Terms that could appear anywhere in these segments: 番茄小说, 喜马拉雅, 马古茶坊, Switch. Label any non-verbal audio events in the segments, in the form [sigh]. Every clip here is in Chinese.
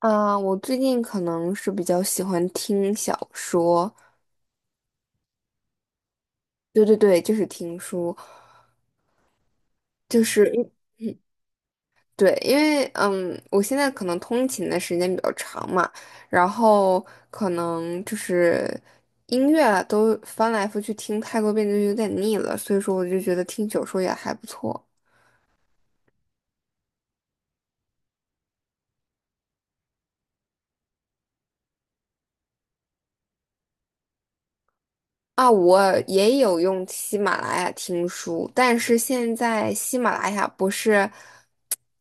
啊，我最近可能是比较喜欢听小说，对对对，就是听书，就是因对，因为我现在可能通勤的时间比较长嘛，然后可能就是音乐啊都翻来覆去听太多遍就有点腻了，所以说我就觉得听小说也还不错。啊，我也有用喜马拉雅听书，但是现在喜马拉雅不是。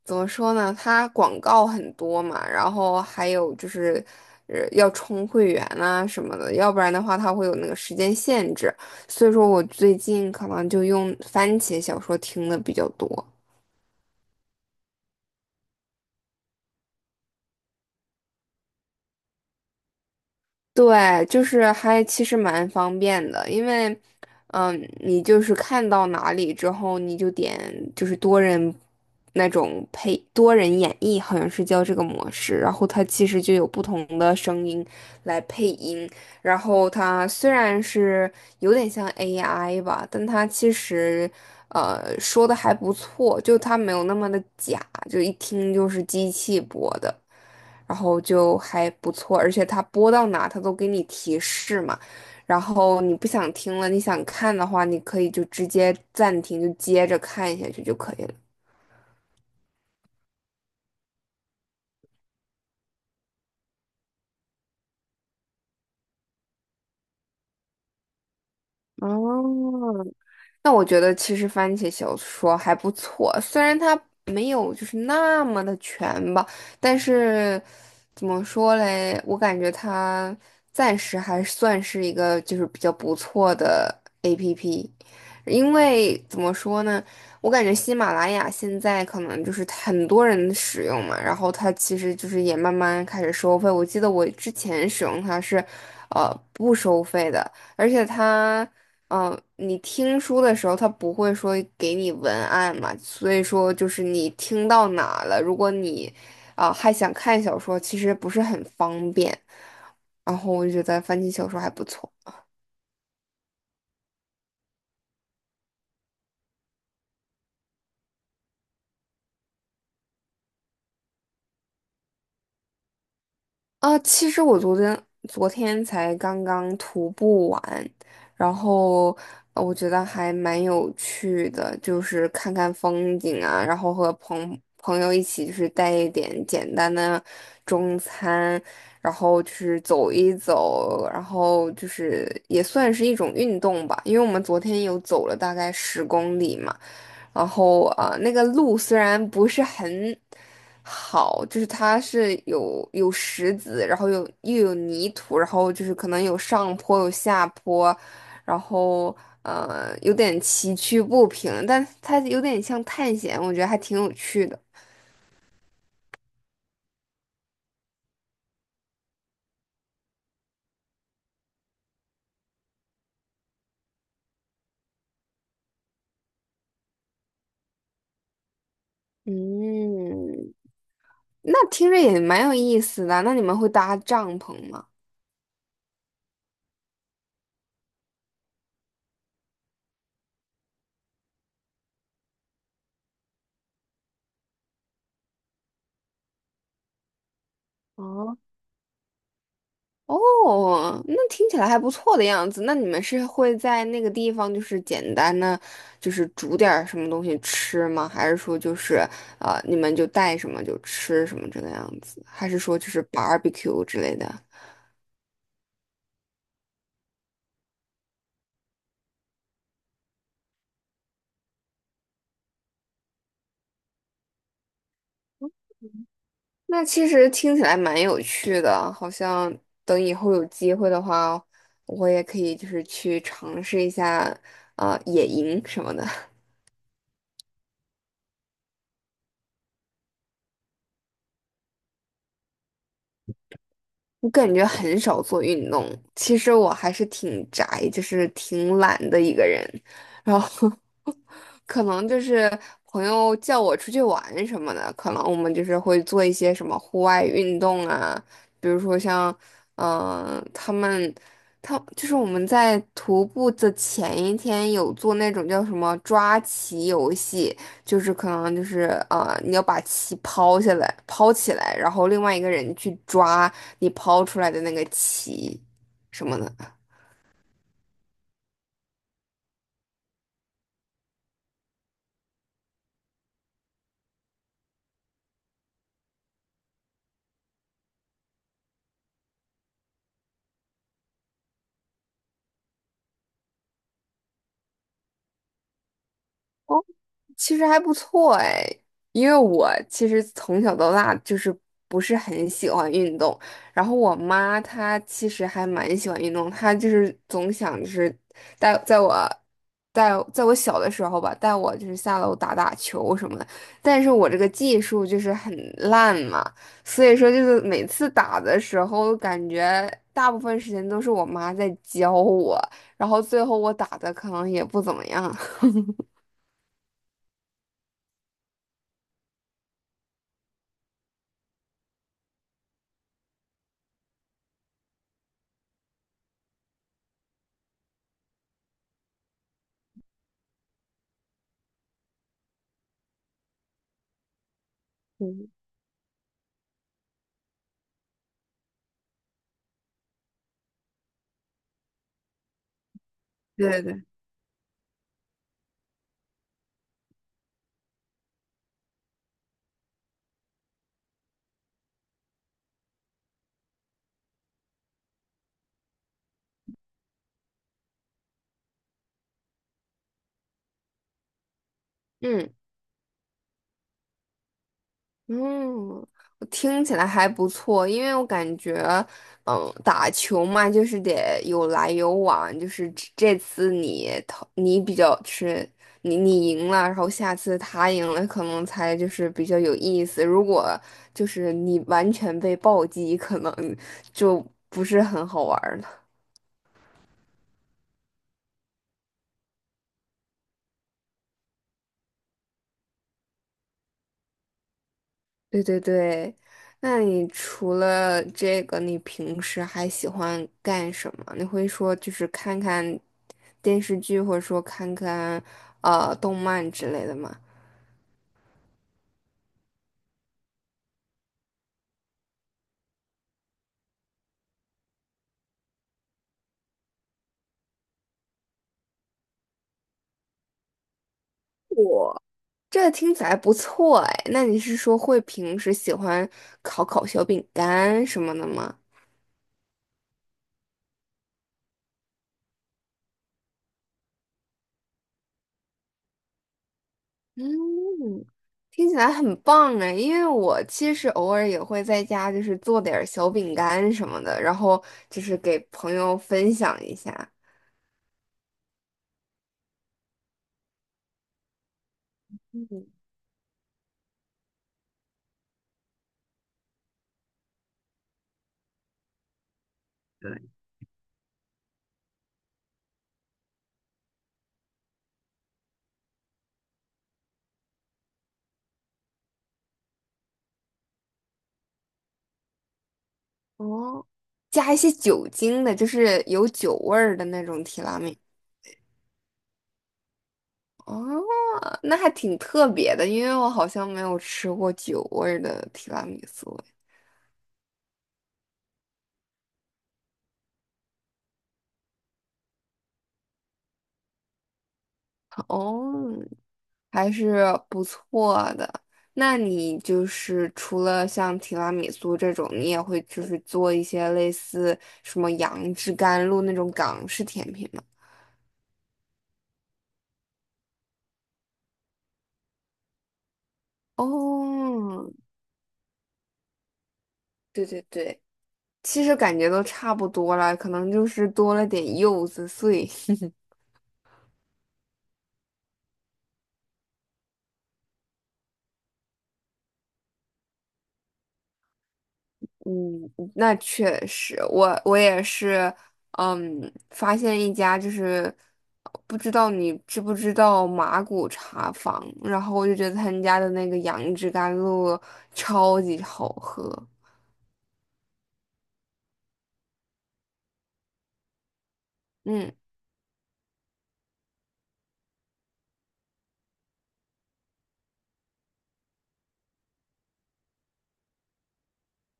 怎么说呢？它广告很多嘛，然后还有就是，要充会员啊什么的，要不然的话它会有那个时间限制。所以说我最近可能就用番茄小说听的比较多。对，就是还其实蛮方便的，因为，你就是看到哪里之后，你就点就是多人那种配多人演绎，好像是叫这个模式，然后它其实就有不同的声音来配音，然后它虽然是有点像 AI 吧，但它其实说的还不错，就它没有那么的假，就一听就是机器播的。然后就还不错，而且它播到哪它都给你提示嘛。然后你不想听了，你想看的话，你可以就直接暂停，就接着看下去就可以了。哦，那我觉得其实番茄小说还不错，虽然它没有就是那么的全吧，但是怎么说嘞，我感觉它暂时还算是一个就是比较不错的 APP,因为怎么说呢，我感觉喜马拉雅现在可能就是很多人使用嘛，然后它其实就是也慢慢开始收费，我记得我之前使用它是，不收费的。而且它你听书的时候，他不会说给你文案嘛，所以说就是你听到哪了，如果你啊、还想看小说，其实不是很方便。然后我就觉得番茄小说还不错。啊，其实我昨天才刚刚徒步完，然后我觉得还蛮有趣的，就是看看风景啊，然后和朋友一起就是带一点简单的中餐，然后就是走一走，然后就是也算是一种运动吧，因为我们昨天有走了大概十公里嘛。然后啊、那个路虽然不是很好，就是它是有石子，然后又有泥土，然后就是可能有上坡有下坡，然后有点崎岖不平，但它有点像探险，我觉得还挺有趣的。嗯，那听着也蛮有意思的。那你们会搭帐篷吗？哦哦,那听起来还不错的样子。那你们是会在那个地方，就是简单的，就是煮点儿什么东西吃吗？还是说就是，你们就带什么就吃什么这个样子？还是说就是 barbecue 之类的？那其实听起来蛮有趣的，好像等以后有机会的话，我也可以就是去尝试一下，野营什么的。我感觉很少做运动，其实我还是挺宅，就是挺懒的一个人。然后 [laughs] 可能就是朋友叫我出去玩什么的，可能我们就是会做一些什么户外运动啊，比如说像，嗯、他们，他就是我们在徒步的前一天有做那种叫什么抓棋游戏，就是可能就是啊，你要把棋抛下来，抛起来，然后另外一个人去抓你抛出来的那个棋什么的。其实还不错哎，因为我其实从小到大就是不是很喜欢运动，然后我妈她其实还蛮喜欢运动，她就是总想就是带在我带在我小的时候吧，带我就是下楼打打球什么的，但是我这个技术就是很烂嘛，所以说就是每次打的时候，感觉大部分时间都是我妈在教我，然后最后我打的可能也不怎么样。[laughs] 嗯，对对嗯嗯，我听起来还不错，因为我感觉，嗯，打球嘛，就是得有来有往，就是这次你投你比较是你你赢了，然后下次他赢了，可能才就是比较有意思。如果就是你完全被暴击，可能就不是很好玩儿了。对对对，那你除了这个，你平时还喜欢干什么？你会说就是看看电视剧，或者说看看动漫之类的吗？这听起来不错哎，那你是说会平时喜欢烤烤小饼干什么的吗？嗯，听起来很棒哎，因为我其实偶尔也会在家就是做点儿小饼干什么的，然后就是给朋友分享一下。嗯。哦，加一些酒精的，就是有酒味儿的那种提拉米。哦，那还挺特别的，因为我好像没有吃过酒味儿的提拉米苏。哦，还是不错的。那你就是除了像提拉米苏这种，你也会就是做一些类似什么杨枝甘露那种港式甜品吗？哦，对对对，其实感觉都差不多了，可能就是多了点柚子碎。[laughs] 嗯，嗯那确实，我也是，嗯，发现一家就是不知道你知不知道马古茶坊，然后我就觉得他们家的那个杨枝甘露超级好喝。嗯，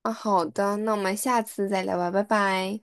那好的，那我们下次再聊吧，拜拜。